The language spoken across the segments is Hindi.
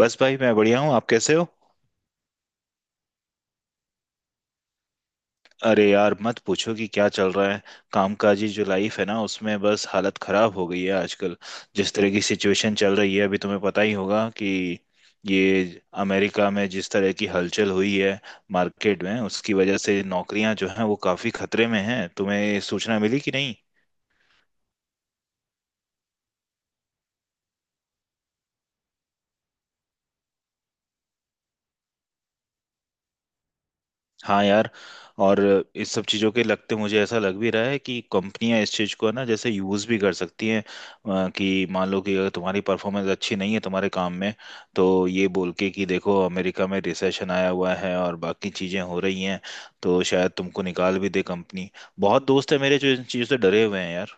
बस भाई मैं बढ़िया हूँ। आप कैसे हो? अरे यार मत पूछो कि क्या चल रहा है। कामकाजी जो लाइफ है ना उसमें बस हालत खराब हो गई है आजकल। जिस तरह की सिचुएशन चल रही है अभी तुम्हें पता ही होगा कि ये अमेरिका में जिस तरह की हलचल हुई है मार्केट में, उसकी वजह से नौकरियां जो हैं वो काफी खतरे में हैं। तुम्हें सूचना मिली कि नहीं? हाँ यार। और इस सब चीज़ों के लगते मुझे ऐसा लग भी रहा है कि कंपनियां इस चीज़ को है ना जैसे यूज़ भी कर सकती हैं कि मान लो कि अगर तुम्हारी परफॉर्मेंस अच्छी नहीं है तुम्हारे काम में, तो ये बोल के कि देखो अमेरिका में रिसेशन आया हुआ है और बाकी चीज़ें हो रही हैं, तो शायद तुमको निकाल भी दे कंपनी। बहुत दोस्त है मेरे जो इन चीज़ों से डरे हुए हैं यार।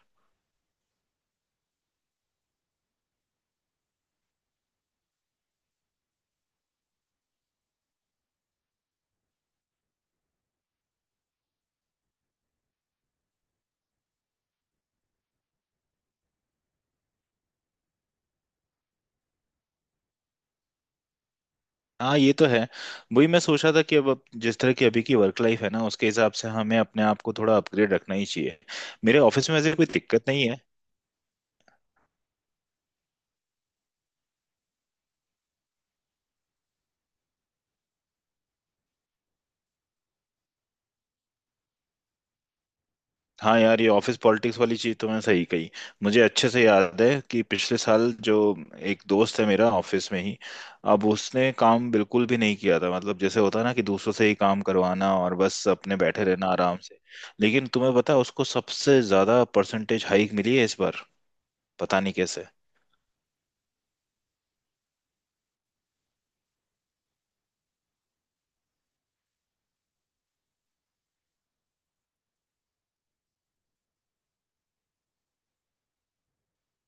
हाँ ये तो है। वही मैं सोच रहा था कि अब जिस तरह की अभी की वर्क लाइफ है ना, उसके हिसाब से हमें अपने आप को थोड़ा अपग्रेड रखना ही चाहिए। मेरे ऑफिस में ऐसे कोई दिक्कत नहीं है। हाँ यार ये ऑफिस पॉलिटिक्स वाली चीज तो मैं सही कही। मुझे अच्छे से याद है कि पिछले साल जो एक दोस्त है मेरा ऑफिस में ही, अब उसने काम बिल्कुल भी नहीं किया था। मतलब जैसे होता है ना कि दूसरों से ही काम करवाना और बस अपने बैठे रहना आराम से। लेकिन तुम्हें पता है उसको सबसे ज्यादा परसेंटेज हाइक मिली है इस बार। पता नहीं कैसे।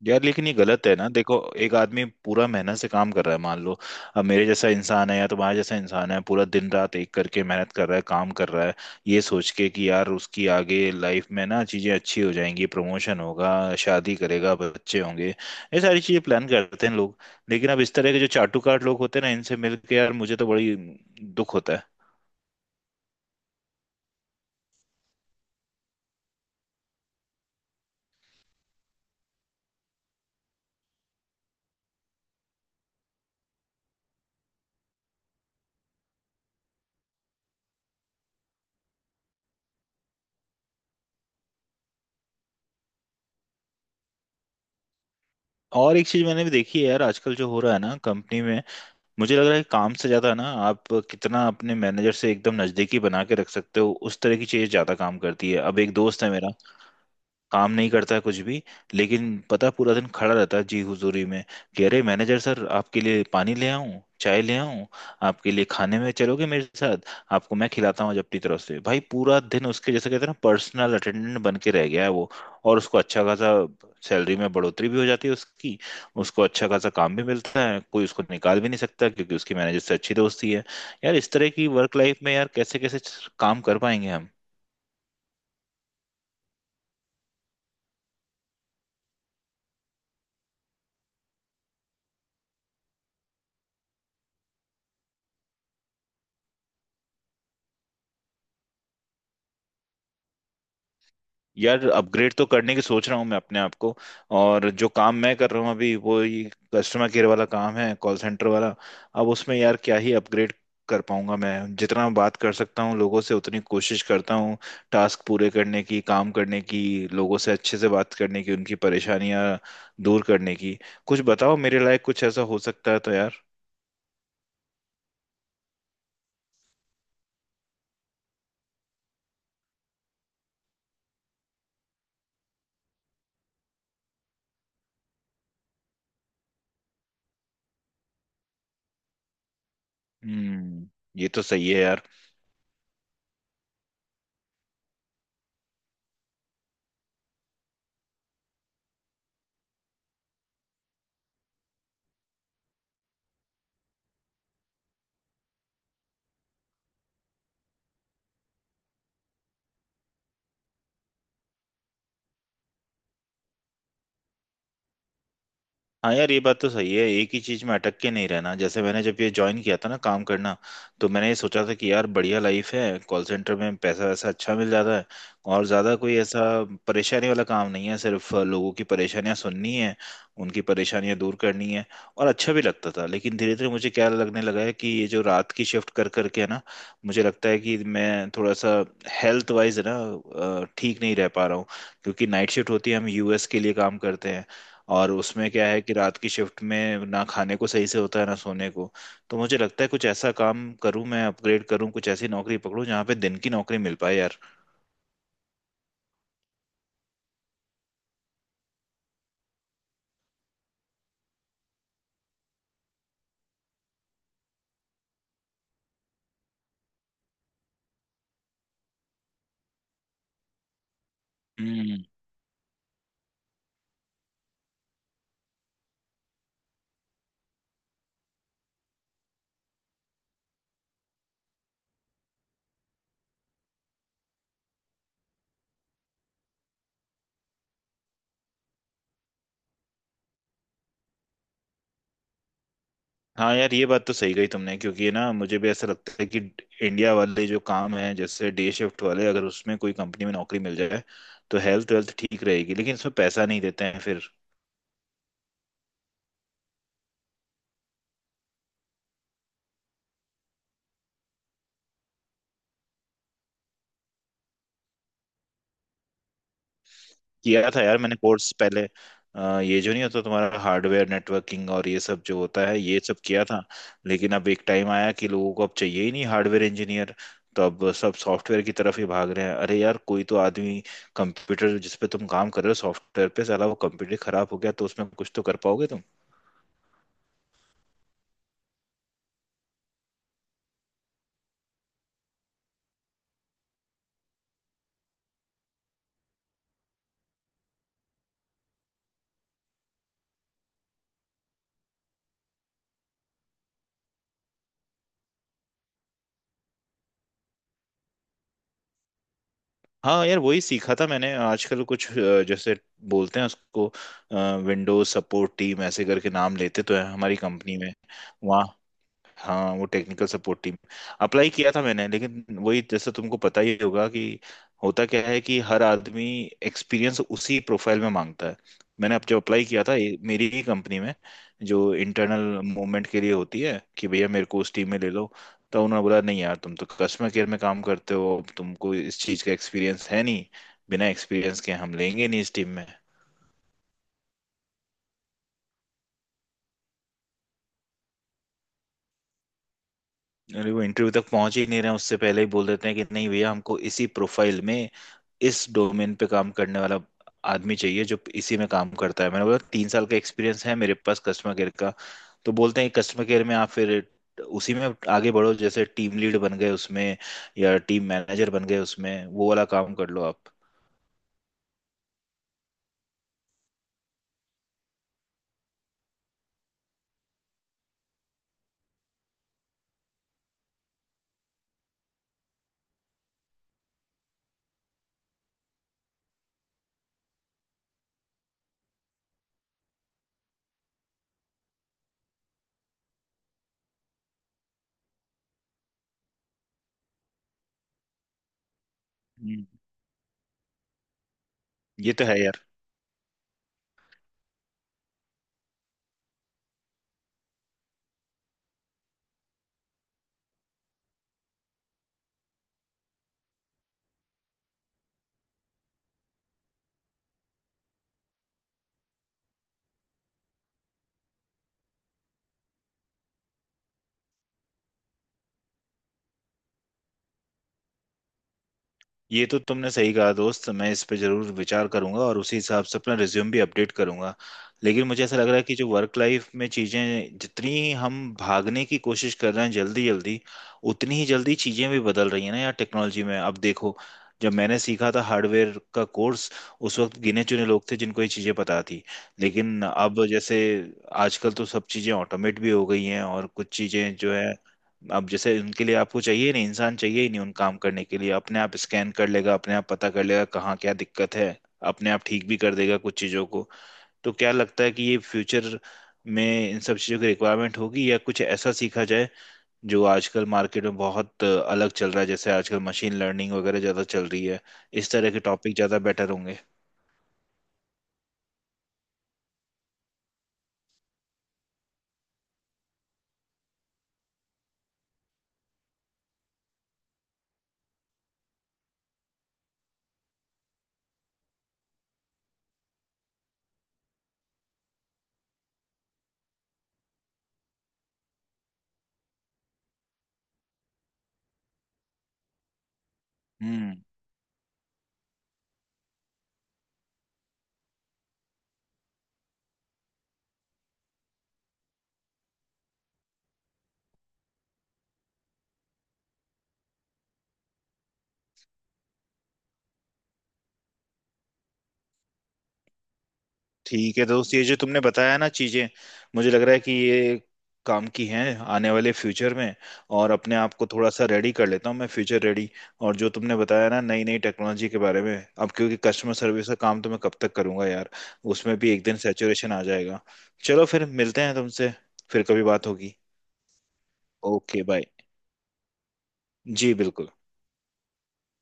यार लेकिन ये गलत है ना, देखो एक आदमी पूरा मेहनत से काम कर रहा है, मान लो अब मेरे जैसा इंसान है या तुम्हारे जैसा इंसान है, पूरा दिन रात एक करके मेहनत कर रहा है, काम कर रहा है, ये सोच के कि यार उसकी आगे लाइफ में ना चीजें अच्छी हो जाएंगी, प्रमोशन होगा, शादी करेगा, बच्चे होंगे, ये सारी चीजें प्लान करते हैं लोग। लेकिन अब इस तरह के जो चाटुकार लोग होते हैं ना इनसे मिलके यार मुझे तो बड़ी दुख होता है। और एक चीज मैंने भी देखी है यार आजकल जो हो रहा है ना कंपनी में, मुझे लग रहा है कि काम से ज्यादा ना आप कितना अपने मैनेजर से एकदम नजदीकी बना के रख सकते हो, उस तरह की चीज ज्यादा काम करती है। अब एक दोस्त है मेरा, काम नहीं करता है कुछ भी, लेकिन पता है, पूरा दिन खड़ा रहता है जी हुजूरी में कि अरे मैनेजर सर आपके लिए पानी ले आऊं, चाय ले आऊं, आपके लिए खाने में चलोगे मेरे साथ, आपको मैं खिलाता हूँ जब अपनी तरफ से। भाई पूरा दिन उसके जैसे कहते हैं ना पर्सनल अटेंडेंट बन के रह गया है वो। और उसको अच्छा खासा सैलरी में बढ़ोतरी भी हो जाती है उसकी, उसको अच्छा खासा काम भी मिलता है, कोई उसको निकाल भी नहीं सकता क्योंकि उसकी मैनेजर से अच्छी दोस्ती है। यार इस तरह की वर्क लाइफ में यार कैसे कैसे काम कर पाएंगे हम? यार अपग्रेड तो करने की सोच रहा हूँ मैं अपने आप को। और जो काम मैं कर रहा हूँ अभी वो ये कस्टमर केयर वाला काम है, कॉल सेंटर वाला। अब उसमें यार क्या ही अपग्रेड कर पाऊंगा मैं? जितना बात कर सकता हूँ लोगों से उतनी कोशिश करता हूँ, टास्क पूरे करने की, काम करने की, लोगों से अच्छे से बात करने की, उनकी परेशानियां दूर करने की। कुछ बताओ मेरे लायक कुछ ऐसा हो सकता है तो यार। हम्म। ये तो सही है यार। हाँ यार ये बात तो सही है, एक ही चीज में अटक के नहीं रहना। जैसे मैंने जब ये ज्वाइन किया था ना काम करना, तो मैंने ये सोचा था कि यार बढ़िया लाइफ है कॉल सेंटर में, पैसा वैसा अच्छा मिल जाता है और ज्यादा कोई ऐसा परेशानी वाला काम नहीं है, सिर्फ लोगों की परेशानियां सुननी है, उनकी परेशानियां दूर करनी है, और अच्छा भी लगता था। लेकिन धीरे धीरे मुझे क्या लगने लगा है कि ये जो रात की शिफ्ट कर करके है ना, मुझे लगता है कि मैं थोड़ा सा हेल्थ वाइज है ना ठीक नहीं रह पा रहा हूँ, क्योंकि नाइट शिफ्ट होती है, हम यूएस के लिए काम करते हैं। और उसमें क्या है कि रात की शिफ्ट में ना खाने को सही से होता है ना सोने को। तो मुझे लगता है कुछ ऐसा काम करूं मैं, अपग्रेड करूं, कुछ ऐसी नौकरी पकड़ूं जहाँ पे दिन की नौकरी मिल पाए यार। हम्म। हाँ यार ये बात तो सही कही तुमने, क्योंकि ये ना मुझे भी ऐसा लगता है कि इंडिया वाले जो काम है जैसे डे शिफ्ट वाले, अगर उसमें कोई कंपनी में नौकरी मिल जाए तो हेल्थ वेल्थ ठीक रहेगी, लेकिन इसमें पैसा नहीं देते हैं फिर। किया था यार मैंने कोर्स पहले, ये जो नहीं होता तुम्हारा हार्डवेयर नेटवर्किंग और ये सब जो होता है, ये सब किया था। लेकिन अब एक टाइम आया कि लोगों को अब चाहिए ही नहीं हार्डवेयर इंजीनियर। तो अब सब सॉफ्टवेयर की तरफ ही भाग रहे हैं। अरे यार कोई तो आदमी, कंप्यूटर जिस पे तुम काम कर रहे हो सॉफ्टवेयर पे, साला वो कंप्यूटर खराब हो गया तो उसमें कुछ तो कर पाओगे तुम। हाँ यार वही सीखा था मैंने आजकल कुछ जैसे बोलते हैं उसको, विंडोज सपोर्ट टीम ऐसे करके नाम लेते तो है हमारी कंपनी में। वहाँ, हाँ वो टेक्निकल सपोर्ट टीम अप्लाई किया था मैंने। लेकिन वही जैसे तुमको पता ही होगा कि होता क्या है कि हर आदमी एक्सपीरियंस उसी प्रोफाइल में मांगता है। मैंने अब जब अप्लाई किया था ये मेरी ही कंपनी में, जो इंटरनल मूवमेंट के लिए होती है, कि भैया मेरे को उस टीम में ले लो, तो उन्होंने बोला नहीं यार तुम तो कस्टमर केयर में काम करते हो, अब तुमको इस चीज़ का एक्सपीरियंस है नहीं, बिना एक्सपीरियंस के हम लेंगे नहीं इस टीम में। अरे वो इंटरव्यू तक पहुंच ही नहीं रहे हैं, उससे पहले ही बोल देते हैं कि नहीं भैया हमको इसी प्रोफाइल में, इस डोमेन पे काम करने वाला आदमी चाहिए जो इसी में काम करता है। मैंने बोला 3 साल का एक्सपीरियंस है मेरे पास कस्टमर केयर का, तो बोलते हैं कस्टमर केयर में आप फिर उसी में आगे बढ़ो, जैसे टीम लीड बन गए उसमें या टीम मैनेजर बन गए उसमें, वो वाला काम कर लो आप। हम्म। ये तो है यार। ये तो तुमने सही कहा दोस्त, मैं इस पे जरूर विचार करूंगा और उसी हिसाब से अपना रिज्यूम भी अपडेट करूंगा। लेकिन मुझे ऐसा लग रहा है कि जो वर्क लाइफ में चीजें जितनी हम भागने की कोशिश कर रहे हैं जल्दी जल्दी, उतनी ही जल्दी चीजें भी बदल रही हैं ना यार टेक्नोलॉजी में। अब देखो जब मैंने सीखा था हार्डवेयर का कोर्स, उस वक्त गिने चुने लोग थे जिनको ये चीजें पता थी। लेकिन अब जैसे आजकल तो सब चीजें ऑटोमेट भी हो गई हैं। और कुछ चीजें जो है, अब जैसे उनके लिए आपको चाहिए नहीं, इंसान चाहिए ही नहीं उन काम करने के लिए। अपने आप स्कैन कर लेगा, अपने आप पता कर लेगा कहाँ क्या दिक्कत है, अपने आप ठीक भी कर देगा कुछ चीज़ों को। तो क्या लगता है कि ये फ्यूचर में इन सब चीज़ों की रिक्वायरमेंट होगी, या कुछ ऐसा सीखा जाए जो आजकल मार्केट में बहुत अलग चल रहा है? जैसे आजकल मशीन लर्निंग वगैरह ज़्यादा चल रही है, इस तरह के टॉपिक ज़्यादा बेटर होंगे? हम्म। ठीक है दोस्त ये जो तुमने बताया ना चीजें, मुझे लग रहा है कि ये काम की हैं आने वाले फ्यूचर में। और अपने आप को थोड़ा सा रेडी कर लेता हूँ मैं, फ्यूचर रेडी। और जो तुमने बताया ना नई नई टेक्नोलॉजी के बारे में, अब क्योंकि कस्टमर सर्विस का काम तो मैं कब तक करूंगा यार? उसमें भी एक दिन सैचुरेशन आ जाएगा। चलो फिर मिलते हैं तुमसे, फिर कभी बात होगी। Okay bye. जी बिल्कुल।